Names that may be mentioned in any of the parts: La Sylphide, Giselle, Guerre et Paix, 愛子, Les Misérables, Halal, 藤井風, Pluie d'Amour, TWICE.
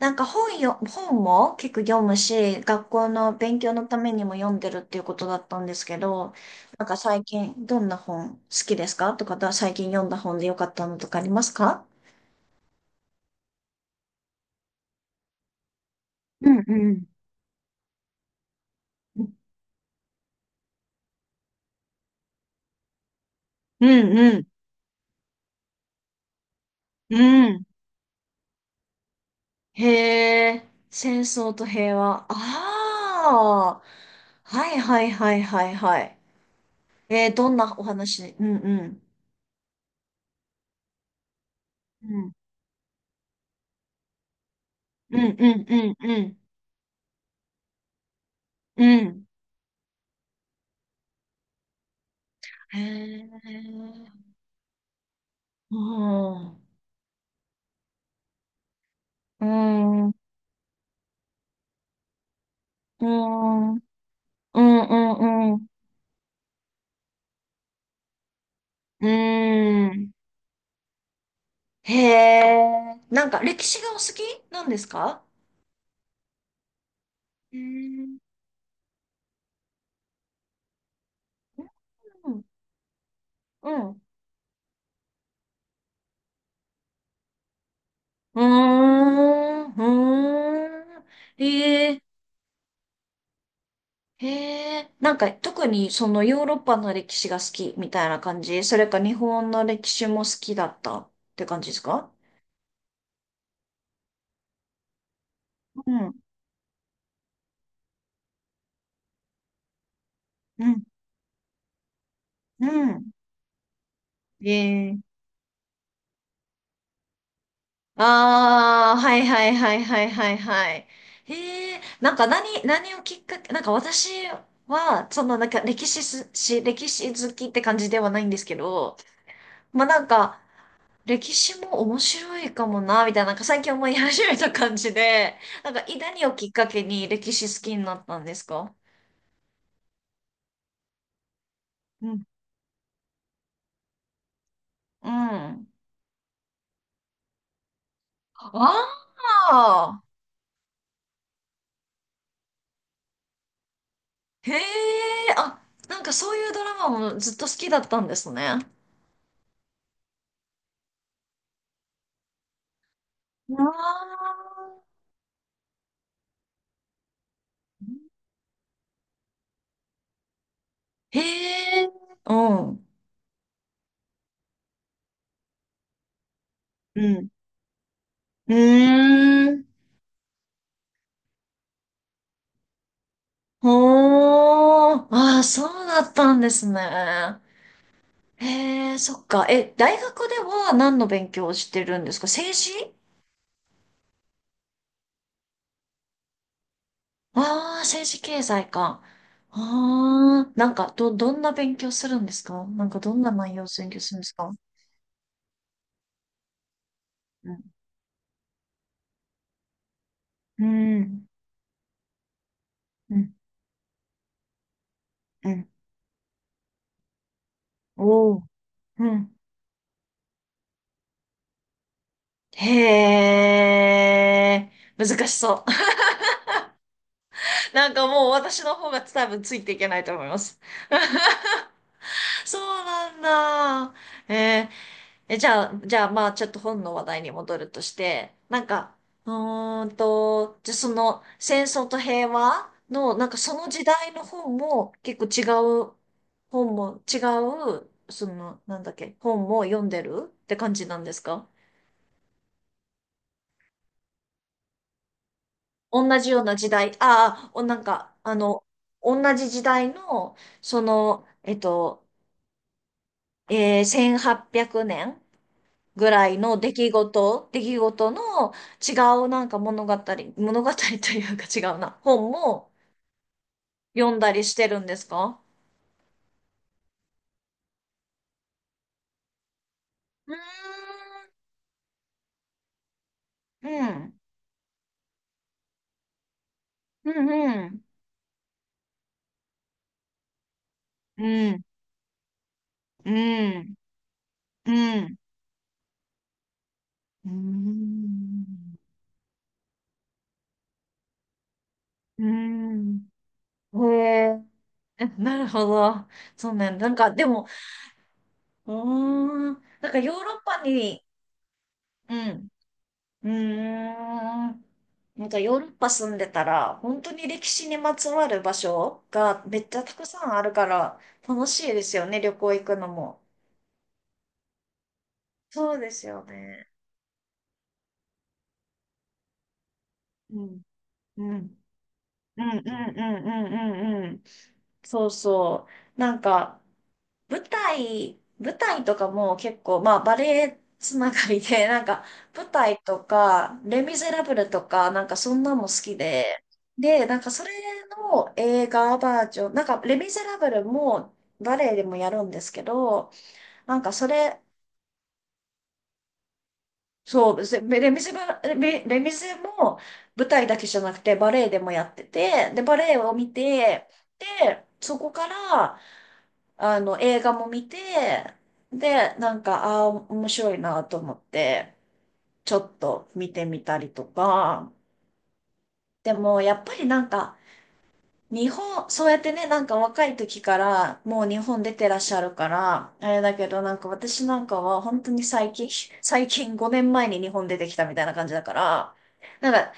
なんか本も結構読むし、学校の勉強のためにも読んでるっていうことだったんですけど、なんか最近どんな本好きですかとか、最近読んだ本で良かったのとかありますか？うんうん。うんうんうん。へえ、戦争と平和。ああ、はいはいはいはいはい。どんなお話？うんうん。うんうんうんうんうん。うん。へえ。うん。うん、うん、うん、うん、うん。うんうん。へえ。なんか歴史がお好きなんですか？へえ。うん、うん。うーん、うーん。へえ、へえ。なんか特にそのヨーロッパの歴史が好きみたいな感じ、それか日本の歴史も好きだったって感じですか？うん、うん、うん。へえ。ああ、はいはいはいはいはいはい。へえ、なんか何をきっかけ、なんか私は、そのなんか歴史好きって感じではないんですけど、まあなんか、歴史も面白いかもな、みたいな、なんか最近思い始めた感じで、なんか、何をきっかけに歴史好きになったんですか？うん。うん。ああ、へえ、あ、なんかそういうドラマもずっと好きだったんですね。ああ。へえ、うん。うん。うーん。ほー。ああ、そうだったんですね。へえ、そっか。え、大学では何の勉強をしてるんですか？政治？ああー、政治経済か。ああ、なんか、どんな勉強するんですか？なんか、どんな内容を勉強するんですか？うん。うん。うん。うん。おお。うん。へえ、難しそう。なんかもう私の方が多分ついていけないと思います。そうなんだ。えーえ、じゃあ、まあ、ちょっと本の話題に戻るとして、なんか、うーんと、じゃあその、戦争と平和の、なんかその時代の本も、結構違う、本も、違う、その、なんだっけ、本も読んでるって感じなんですか？同じような時代、ああ、なんか、同じ時代の、その、1800年ぐらいの出来事、の違うなんか物語というか違うな、本も読んだりしてるんですか？うーんうん。うんうん。うん。うん。うん。うん。うん。へえ。え、なるほど。そうね。なんか、でも、うーん。なんかヨーロッパに、うん。うーん。なんかヨーロッパ住んでたら、本当に歴史にまつわる場所がめっちゃたくさんあるから、楽しいですよね、旅行行くのも。そうですよね。うん。うん。うんうんうんうんうんうん。そうそう。なんか、舞台とかも結構、まあバレエつながりで、なんか舞台とか、レ・ミゼラブルとか、なんかそんなのも好きで、で、なんかそれの映画バージョン、なんかレ・ミゼラブルもバレエでもやるんですけど、なんかそれそうでレミゼも舞台だけじゃなくてバレエでもやってて、で、バレエを見て、で、そこから、映画も見て、で、なんか、ああ、面白いなと思って、ちょっと見てみたりとか、でも、やっぱりなんか、そうやってね、なんか若い時からもう日本出てらっしゃるから、あれだけどなんか私なんかは本当に最近5年前に日本出てきたみたいな感じだから、なんか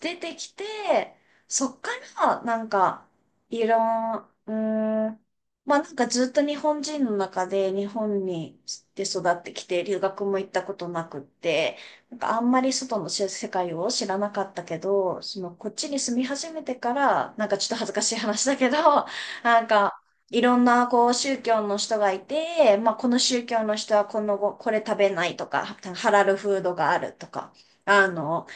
出てきて、そっからなんかいろん、うーん、まあなんかずっと日本人の中で日本で育ってきて留学も行ったことなくって、なんかあんまり外の世界を知らなかったけど、そのこっちに住み始めてから、なんかちょっと恥ずかしい話だけど、なんかいろんなこう宗教の人がいて、まあこの宗教の人はこのご、これ食べないとか、ハラルフードがあるとか、あの、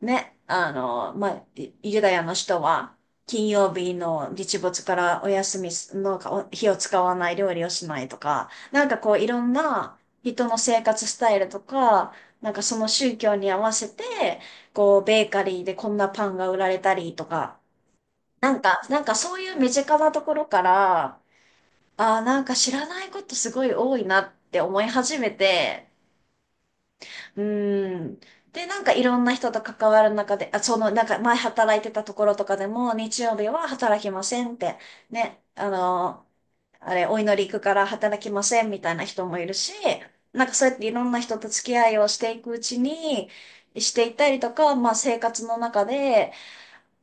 ね、まあ、ユダヤの人は、金曜日の日没からお休みすのか、火を使わない料理をしないとか、なんかこういろんな人の生活スタイルとか、なんかその宗教に合わせて、こうベーカリーでこんなパンが売られたりとか、なんかそういう身近なところから、ああ、なんか知らないことすごい多いなって思い始めて、うーん。で、なんかいろんな人と関わる中で、あ、その、なんか前働いてたところとかでも、日曜日は働きませんって、ね、あれ、お祈り行くから働きませんみたいな人もいるし、なんかそうやっていろんな人と付き合いをしていくうちに、していったりとか、まあ生活の中で、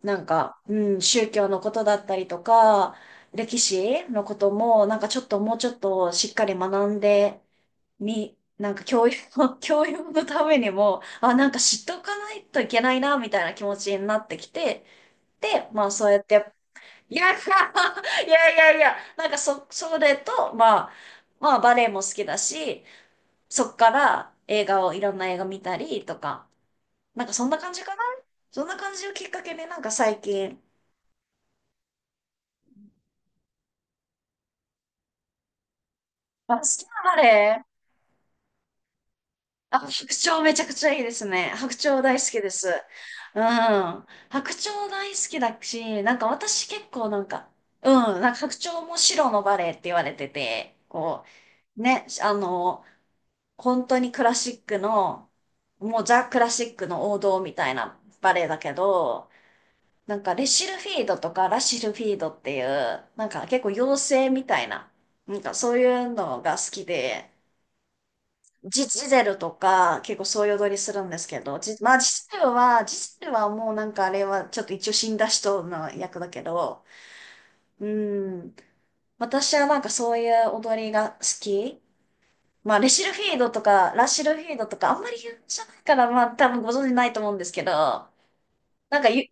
なんか、うん、宗教のことだったりとか、歴史のことも、なんかちょっともうちょっとしっかり学んで、なんか教養の、教養のためにも、あ、なんか知っとかないといけないな、みたいな気持ちになってきて、で、まあそうやって、いや、いやいやいや、なんかそれと、まあバレエも好きだし、そっから映画を、いろんな映画見たりとか、なんかそんな感じかな。そんな感じをきっかけで、なんか最近、あ、好きなバレエ？あ、白鳥めちゃくちゃいいですね。白鳥大好きです。うん。白鳥大好きだし、なんか私結構なんか、うん、なんか白鳥も白のバレエって言われてて、こう、ね、本当にクラシックの、もうザ・クラシックの王道みたいなバレエだけど、なんかレシルフィードとかラシルフィードっていう、なんか結構妖精みたいな、なんかそういうのが好きで、ジゼルとか、結構そういう踊りするんですけど、まあ、ジゼルはもうなんかあれは、ちょっと一応死んだ人の役だけど、うん。私はなんかそういう踊りが好き。まあ、レシルフィードとか、ラシルフィードとか、あんまり有名じゃないから、まあ、多分ご存知ないと思うんですけど、なんか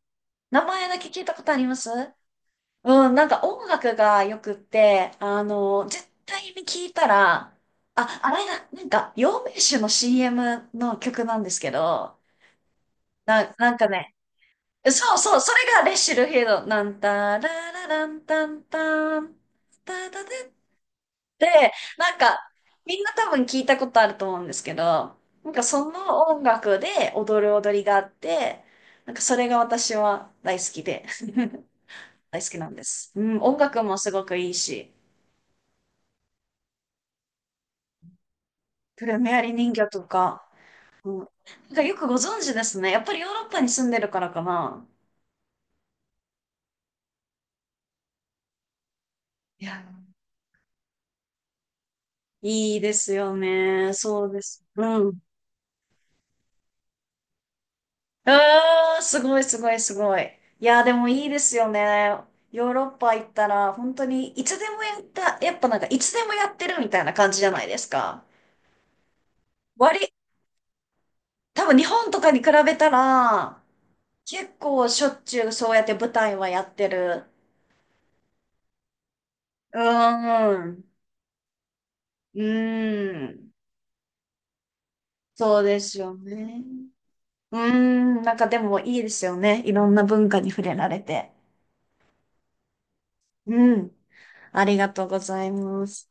名前だけ聞いたことあります？うん、なんか音楽がよくって、絶対に聞いたら、あ、あれだ、なんか、養命酒の CM の曲なんですけど、なんかね、そうそう、それがレッシュルフィールド、なんたらららんたんたん、たたてって、なんか、みんな多分聞いたことあると思うんですけど、なんかその音楽で踊る踊りがあって、なんかそれが私は大好きで、大好きなんです。うん、音楽もすごくいいし。プルメアリ人魚とか。うん。なんかよくご存知ですね。やっぱりヨーロッパに住んでるからかな。いや、いいですよね。そうです。うん。ああ、すごいすごいすごい。いや、でもいいですよね。ヨーロッパ行ったら、本当にいつでもやった、やっぱなんかいつでもやってるみたいな感じじゃないですか。割、多分日本とかに比べたら、結構しょっちゅうそうやって舞台はやってる。うーん。うーん。そうですよね。うーん、なんかでもいいですよね。いろんな文化に触れられて。うん。ありがとうございます。